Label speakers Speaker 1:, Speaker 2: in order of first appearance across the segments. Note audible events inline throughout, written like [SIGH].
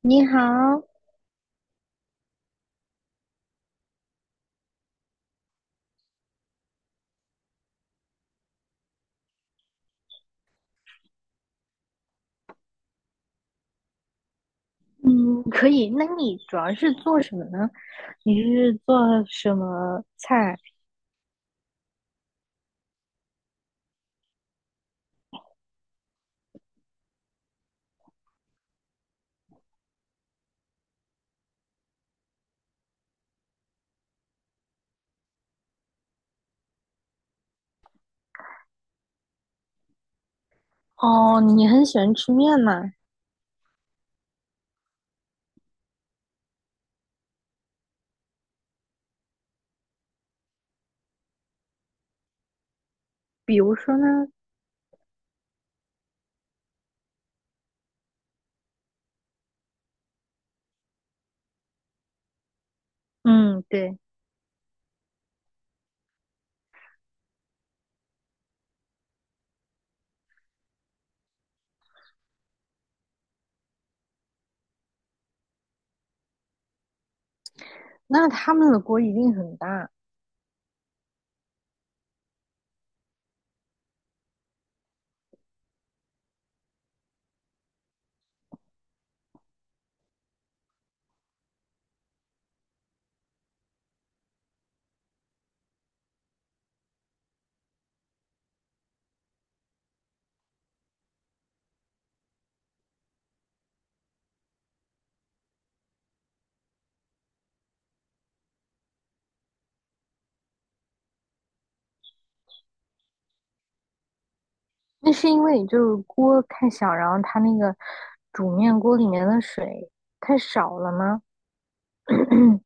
Speaker 1: 你好。嗯，可以。那你主要是做什么呢？你是做什么菜？哦，你很喜欢吃面嘛？比如说呢？嗯，对。那他们的锅一定很大。那是因为就是锅太小，然后它那个煮面锅里面的水太少了吗？[CLEARS THROAT]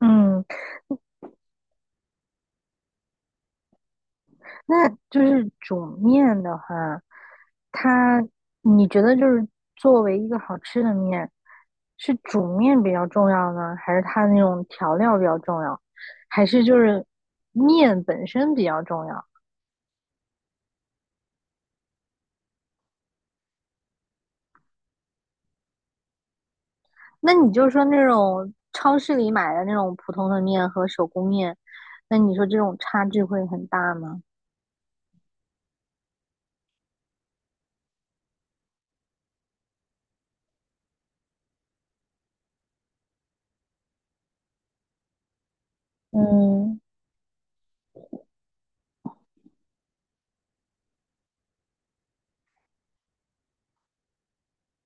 Speaker 1: 嗯，那就是煮面的话，它你觉得就是作为一个好吃的面，是煮面比较重要呢，还是它那种调料比较重要，还是就是面本身比较重要？那你就说那种超市里买的那种普通的面和手工面，那你说这种差距会很大吗？嗯，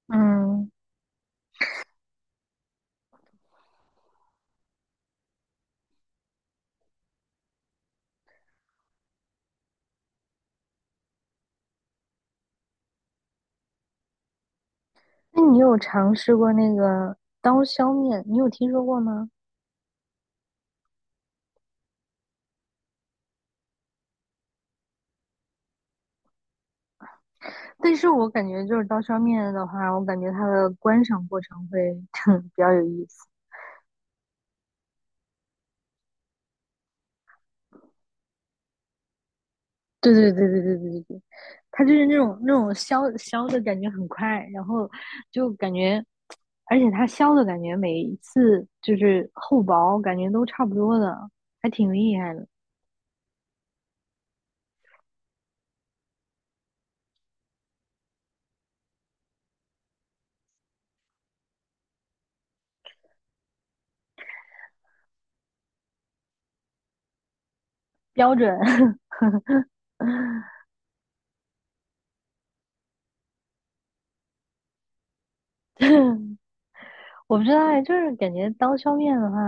Speaker 1: 嗯，那你有尝试过那个刀削面？你有听说过吗？但是我感觉就是刀削面的话，我感觉它的观赏过程会哼 [LAUGHS] 比较有意思。对对对对对对对对，它就是那种削削的感觉很快，然后就感觉，而且它削的感觉每一次就是厚薄感觉都差不多的，还挺厉害的，标准。[LAUGHS] 我不知道哎，就是感觉刀削面的话，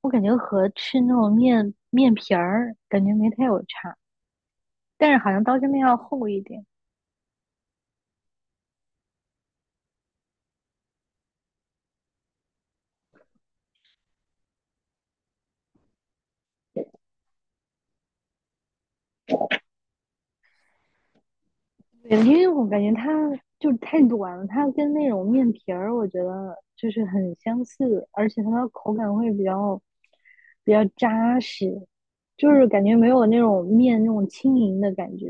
Speaker 1: 我感觉和吃那种面皮儿感觉没太有差，但是好像刀削面要厚一点。对，因为我感觉它就是太短了，它跟那种面皮儿，我觉得就是很相似，而且它的口感会比较扎实，就是感觉没有那种面那种轻盈的感觉。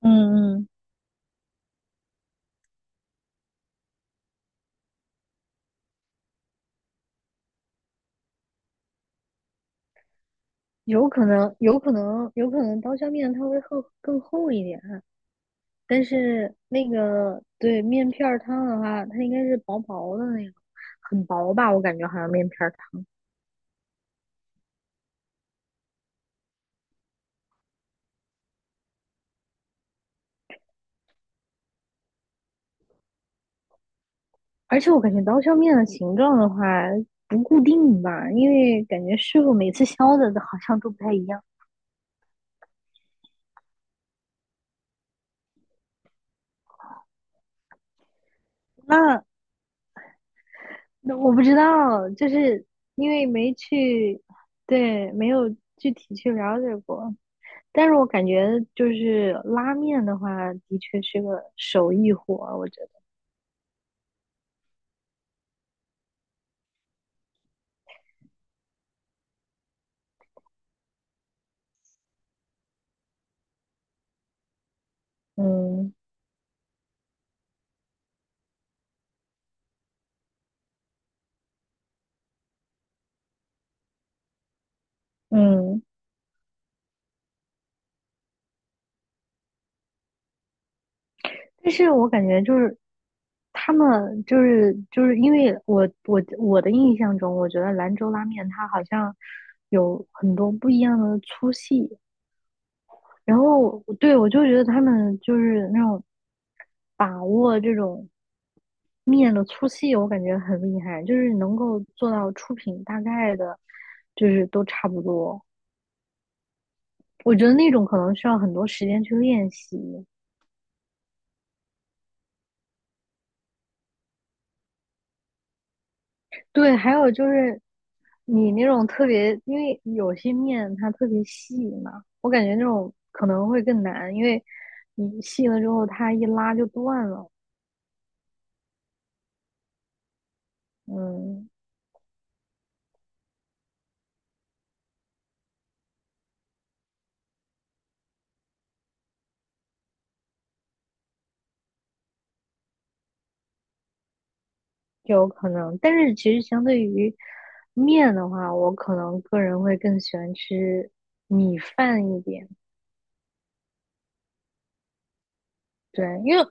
Speaker 1: 嗯嗯，有可能，有可能，有可能刀削面它会更厚一点，但是那个对面片儿汤的话，它应该是薄薄的那个，很薄吧？我感觉好像面片儿汤。而且我感觉刀削面的形状的话不固定吧，因为感觉师傅每次削的好像都不太一样。那那我不知道，就是因为没去，对，没有具体去了解过。但是我感觉就是拉面的话，的确是个手艺活儿我觉得。嗯嗯。但是我感觉就是他们就是因为我的印象中，我觉得兰州拉面它好像有很多不一样的粗细，然后对我就觉得他们就是那种把握这种面的粗细，我感觉很厉害，就是能够做到出品大概的，就是都差不多。我觉得那种可能需要很多时间去练习。对，还有就是你那种特别，因为有些面它特别细嘛，我感觉那种可能会更难，因为你细了之后它一拉就断了。嗯，就有可能。但是其实相对于面的话，我可能个人会更喜欢吃米饭一点。对，因为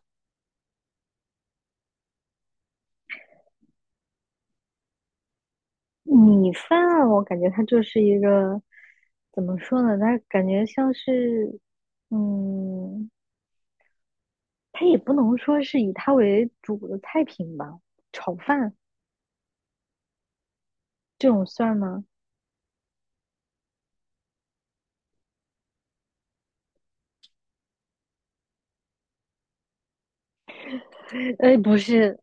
Speaker 1: 米饭啊我感觉它就是一个怎么说呢，它感觉像是嗯。它也不能说是以它为主的菜品吧，炒饭这种算吗？哎，不是，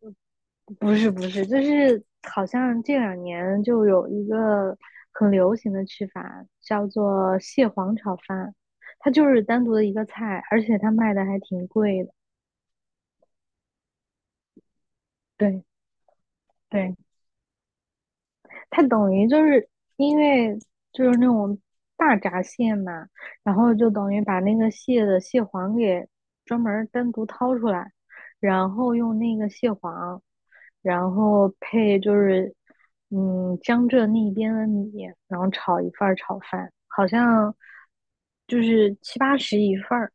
Speaker 1: 不是，不是，就是好像这两年就有一个很流行的吃法，叫做蟹黄炒饭，它就是单独的一个菜，而且它卖的还挺贵的。对对，它等于就是因为就是那种大闸蟹嘛，然后就等于把那个蟹的蟹黄给专门儿单独掏出来，然后用那个蟹黄，然后配就是江浙那边的米，然后炒一份儿炒饭，好像就是七八十一份儿。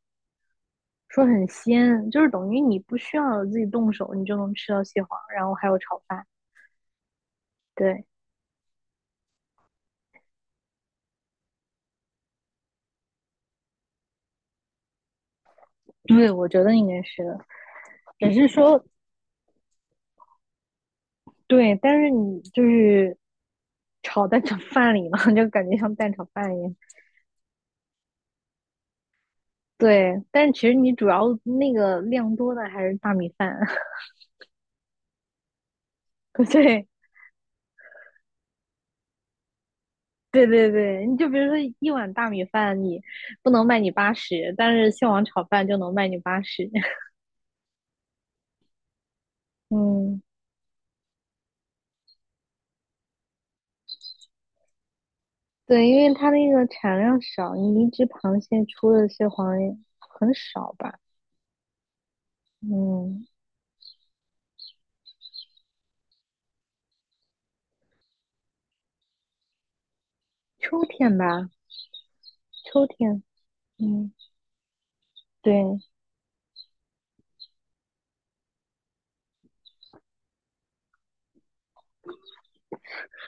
Speaker 1: 说很鲜，就是等于你不需要自己动手，你就能吃到蟹黄，然后还有炒饭。对，对，我觉得应该是的。只是说，对，但是你就是炒蛋炒饭里嘛，[LAUGHS] 就感觉像蛋炒饭一样。对，但是其实你主要那个量多的还是大米饭。[LAUGHS] 对，对对对，你就比如说一碗大米饭，你不能卖你八十，但是蟹黄炒饭就能卖你八十。[LAUGHS] 嗯，对，因为它那个产量少，你一只螃蟹出的蟹黄很少吧？嗯，秋天吧，秋天。嗯，对，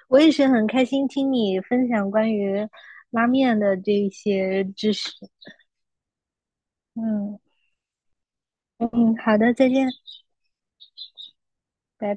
Speaker 1: 我也是很开心听你分享关于拉面的这一些知识。嗯嗯，好的，再见，拜拜。